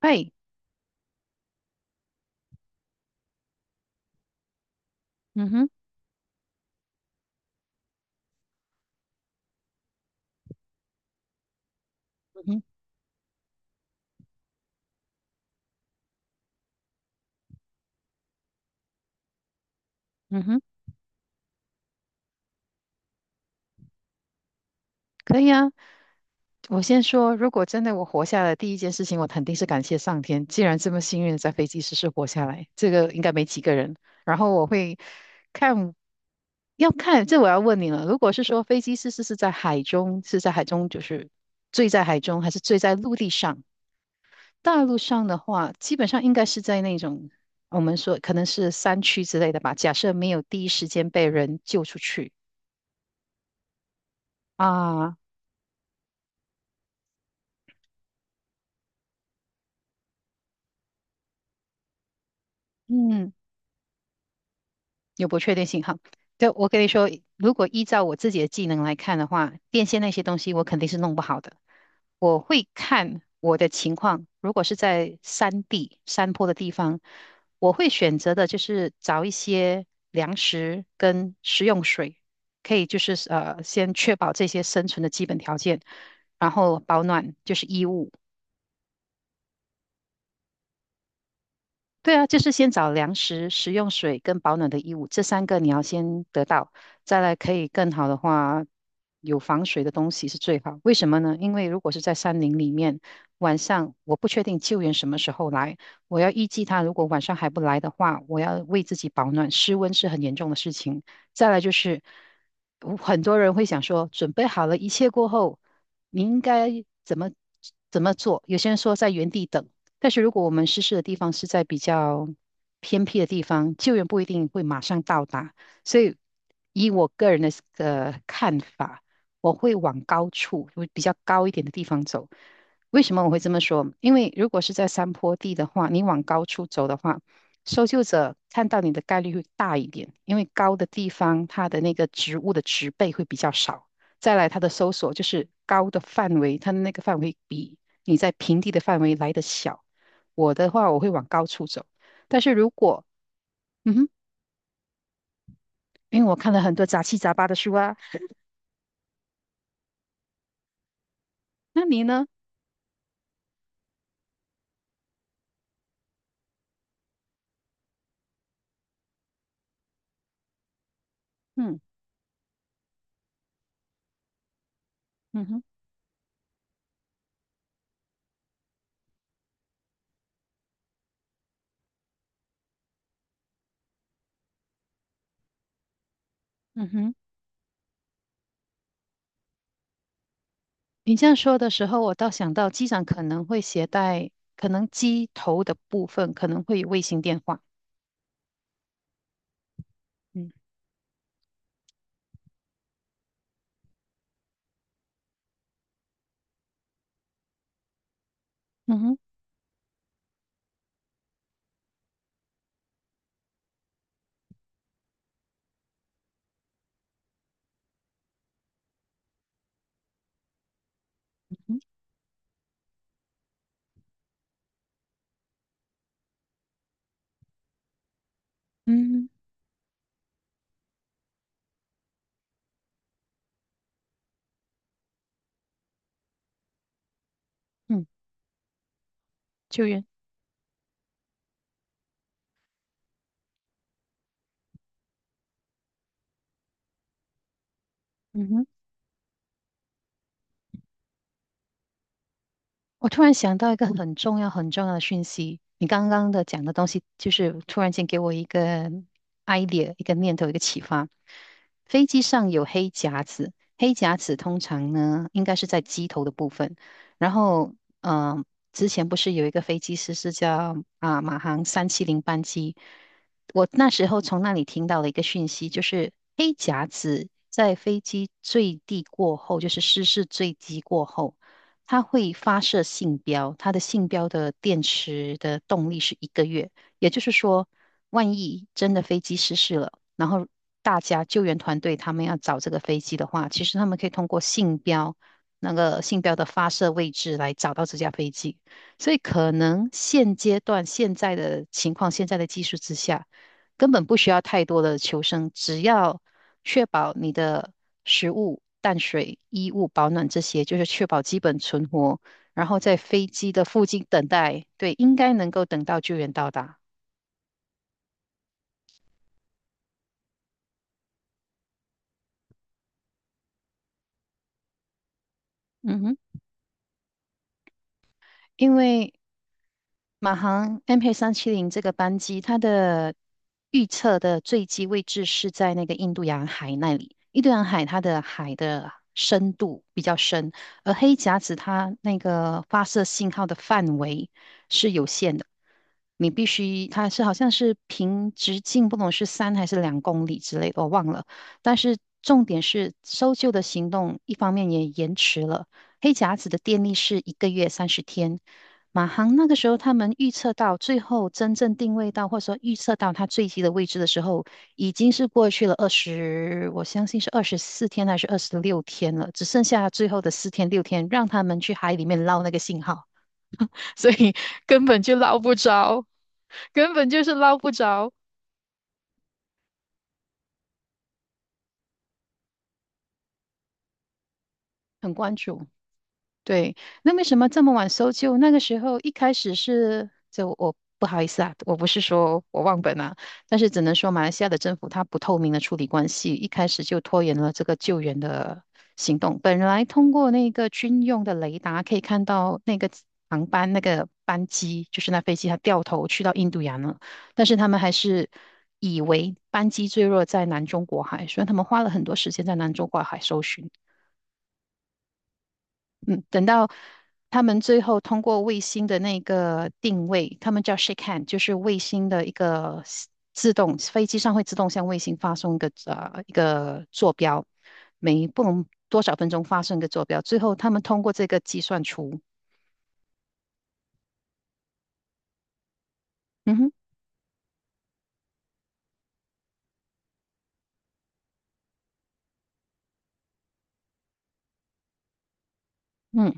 哎，嗯哼，嗯哼，嗯哼，可以啊。我先说，如果真的我活下来，第一件事情我肯定是感谢上天，既然这么幸运地在飞机失事活下来，这个应该没几个人。然后我会看，要看，这我要问你了。如果是说飞机失事是在海中就是坠在海中，还是坠在陆地上？大陆上的话，基本上应该是在那种我们说可能是山区之类的吧。假设没有第一时间被人救出去。啊，嗯，有不确定性哈。对，我跟你说，如果依照我自己的技能来看的话，电线那些东西我肯定是弄不好的。我会看我的情况，如果是在山地、山坡的地方，我会选择的就是找一些粮食跟食用水，可以就是先确保这些生存的基本条件，然后保暖就是衣物。对啊，就是先找粮食、食用水跟保暖的衣物，这三个你要先得到，再来可以更好的话，有防水的东西是最好。为什么呢？因为如果是在山林里面，晚上我不确定救援什么时候来，我要预计他如果晚上还不来的话，我要为自己保暖，失温是很严重的事情。再来就是，我很多人会想说，准备好了一切过后，你应该怎么怎么做？有些人说在原地等，但是如果我们失事的地方是在比较偏僻的地方，救援不一定会马上到达，所以以我个人的看法，我会往高处，会比较高一点的地方走。为什么我会这么说？因为如果是在山坡地的话，你往高处走的话，搜救者看到你的概率会大一点，因为高的地方它的那个植物的植被会比较少。再来，它的搜索就是高的范围，它的那个范围比你在平地的范围来得小。我的话，我会往高处走。但是如果，嗯哼，因为我看了很多杂七杂八的书啊，那你呢？嗯，嗯哼，嗯哼，你这样说的时候，我倒想到机长可能会携带，可能机头的部分可能会有卫星电话。嗯，嗯哼，嗯哼，嗯，嗯，救援。嗯哼。我突然想到一个很重要、很重要的讯息，你刚刚的讲的东西，就是突然间给我一个 idea、一个念头、一个启发。飞机上有黑匣子，黑匣子通常呢应该是在机头的部分。然后，嗯、之前不是有一个飞机师是叫马航三七零班机，我那时候从那里听到了一个讯息，就是黑匣子在飞机坠地过后，就是失事坠机过后。它会发射信标，它的信标的电池的动力是一个月，也就是说，万一真的飞机失事了，然后大家救援团队他们要找这个飞机的话，其实他们可以通过那个信标的发射位置来找到这架飞机，所以可能现阶段现在的情况，现在的技术之下。根本不需要太多的求生，只要确保你的食物、淡水、衣物、保暖这些，就是确保基本存活。然后在飞机的附近等待，对，应该能够等到救援到达。嗯哼，因为马航 MH370这个班机，它的预测的坠机位置是在那个印度洋海那里。印度洋海它的海的深度比较深，而黑匣子它那个发射信号的范围是有限的，你必须它是好像是平直径不懂是3还是2公里之类的，我忘了。但是重点是搜救的行动，一方面也延迟了。黑匣子的电力是一个月30天，马航那个时候，他们预测到最后真正定位到，或者说预测到它坠机的位置的时候，已经是过去了二十，我相信是24天还是26天了，只剩下最后的四天六天，让他们去海里面捞那个信号，根本捞不着，根本就是捞不着。很关注。对，那为什么这么晚搜救？那个时候一开始是，就我不好意思啊，我不是说我忘本啊，但是只能说马来西亚的政府它不透明的处理关系，一开始就拖延了这个救援的行动。本来通过那个军用的雷达可以看到那个航班那个班机，就是那飞机它掉头去到印度洋了，但是他们还是以为班机坠落在南中国海，所以他们花了很多时间在南中国海搜寻。嗯，等到他们最后通过卫星的那个定位，他们叫 shake hand，就是卫星的一个 自动，飞机上会自动向卫星发送一个坐标，每不能多少分钟发送一个坐标，最后他们通过这个计算出，嗯哼，嗯，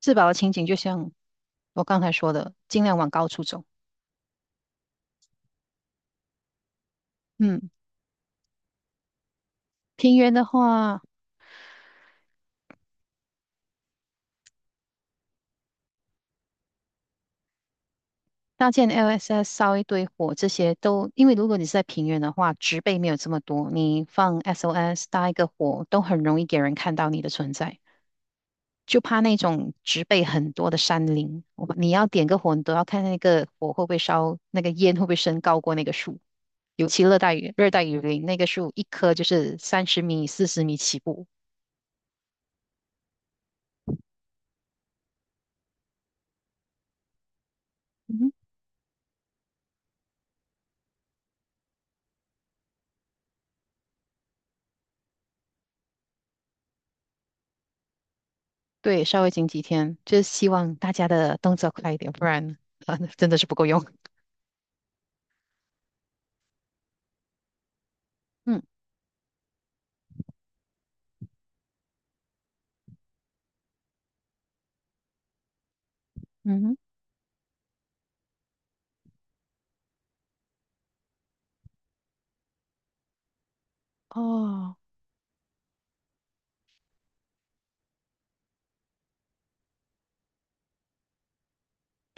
自保的情景就像我刚才说的，尽量往高处走。嗯，平原的话。搭建 LSS 烧一堆火，这些都因为如果你是在平原的话，植被没有这么多，你放 SOS 搭一个火都很容易给人看到你的存在。就怕那种植被很多的山林，你要点个火，你都要看那个火会不会烧，那个烟会不会升高过那个树。尤其热带雨林，那个树一棵就是30米、40米起步。嗯，对，稍微紧几天，就是希望大家的动作快一点，不然 啊，真的是不够用。嗯，嗯哼，哦，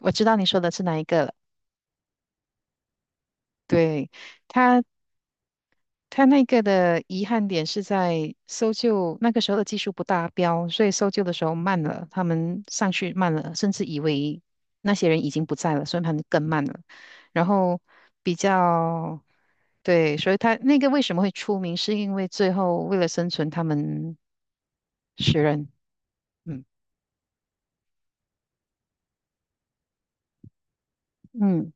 我知道你说的是哪一个了。对，他，他那个的遗憾点是在搜救那个时候的技术不达标，所以搜救的时候慢了，他们上去慢了，甚至以为那些人已经不在了，所以他们更慢了。然后比较，对，所以他那个为什么会出名，是因为最后为了生存，他们食人。嗯，嗯，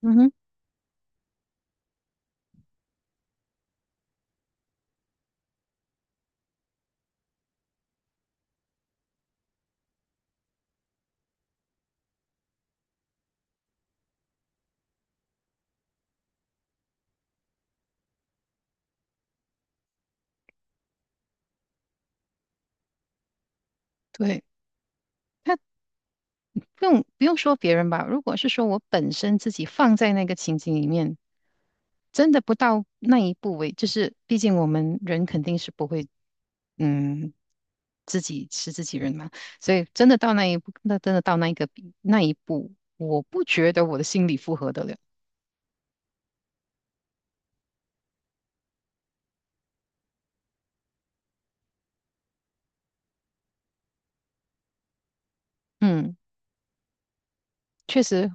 嗯哼，对，他不用说别人吧，如果是说我本身自己放在那个情景里面。真的不到那一步为，就是毕竟我们人肯定是不会，嗯，自己是自己人嘛，所以真的到那一步，那真的到那一个比那一步，我不觉得我的心理负荷得了。嗯，确实，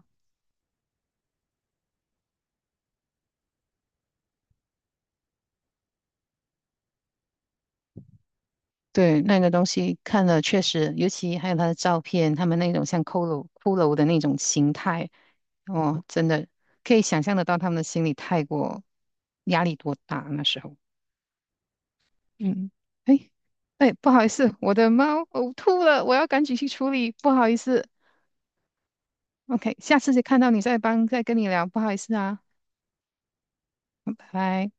对那个东西看了确实，尤其还有他的照片，他们那种像骷髅骷髅的那种形态，哦，真的可以想象得到他们的心理太过压力多大那时候。嗯，哎，哎，不好意思，我的猫呕吐了，我要赶紧去处理，不好意思。OK，下次再看到你再跟你聊，不好意思啊，拜拜。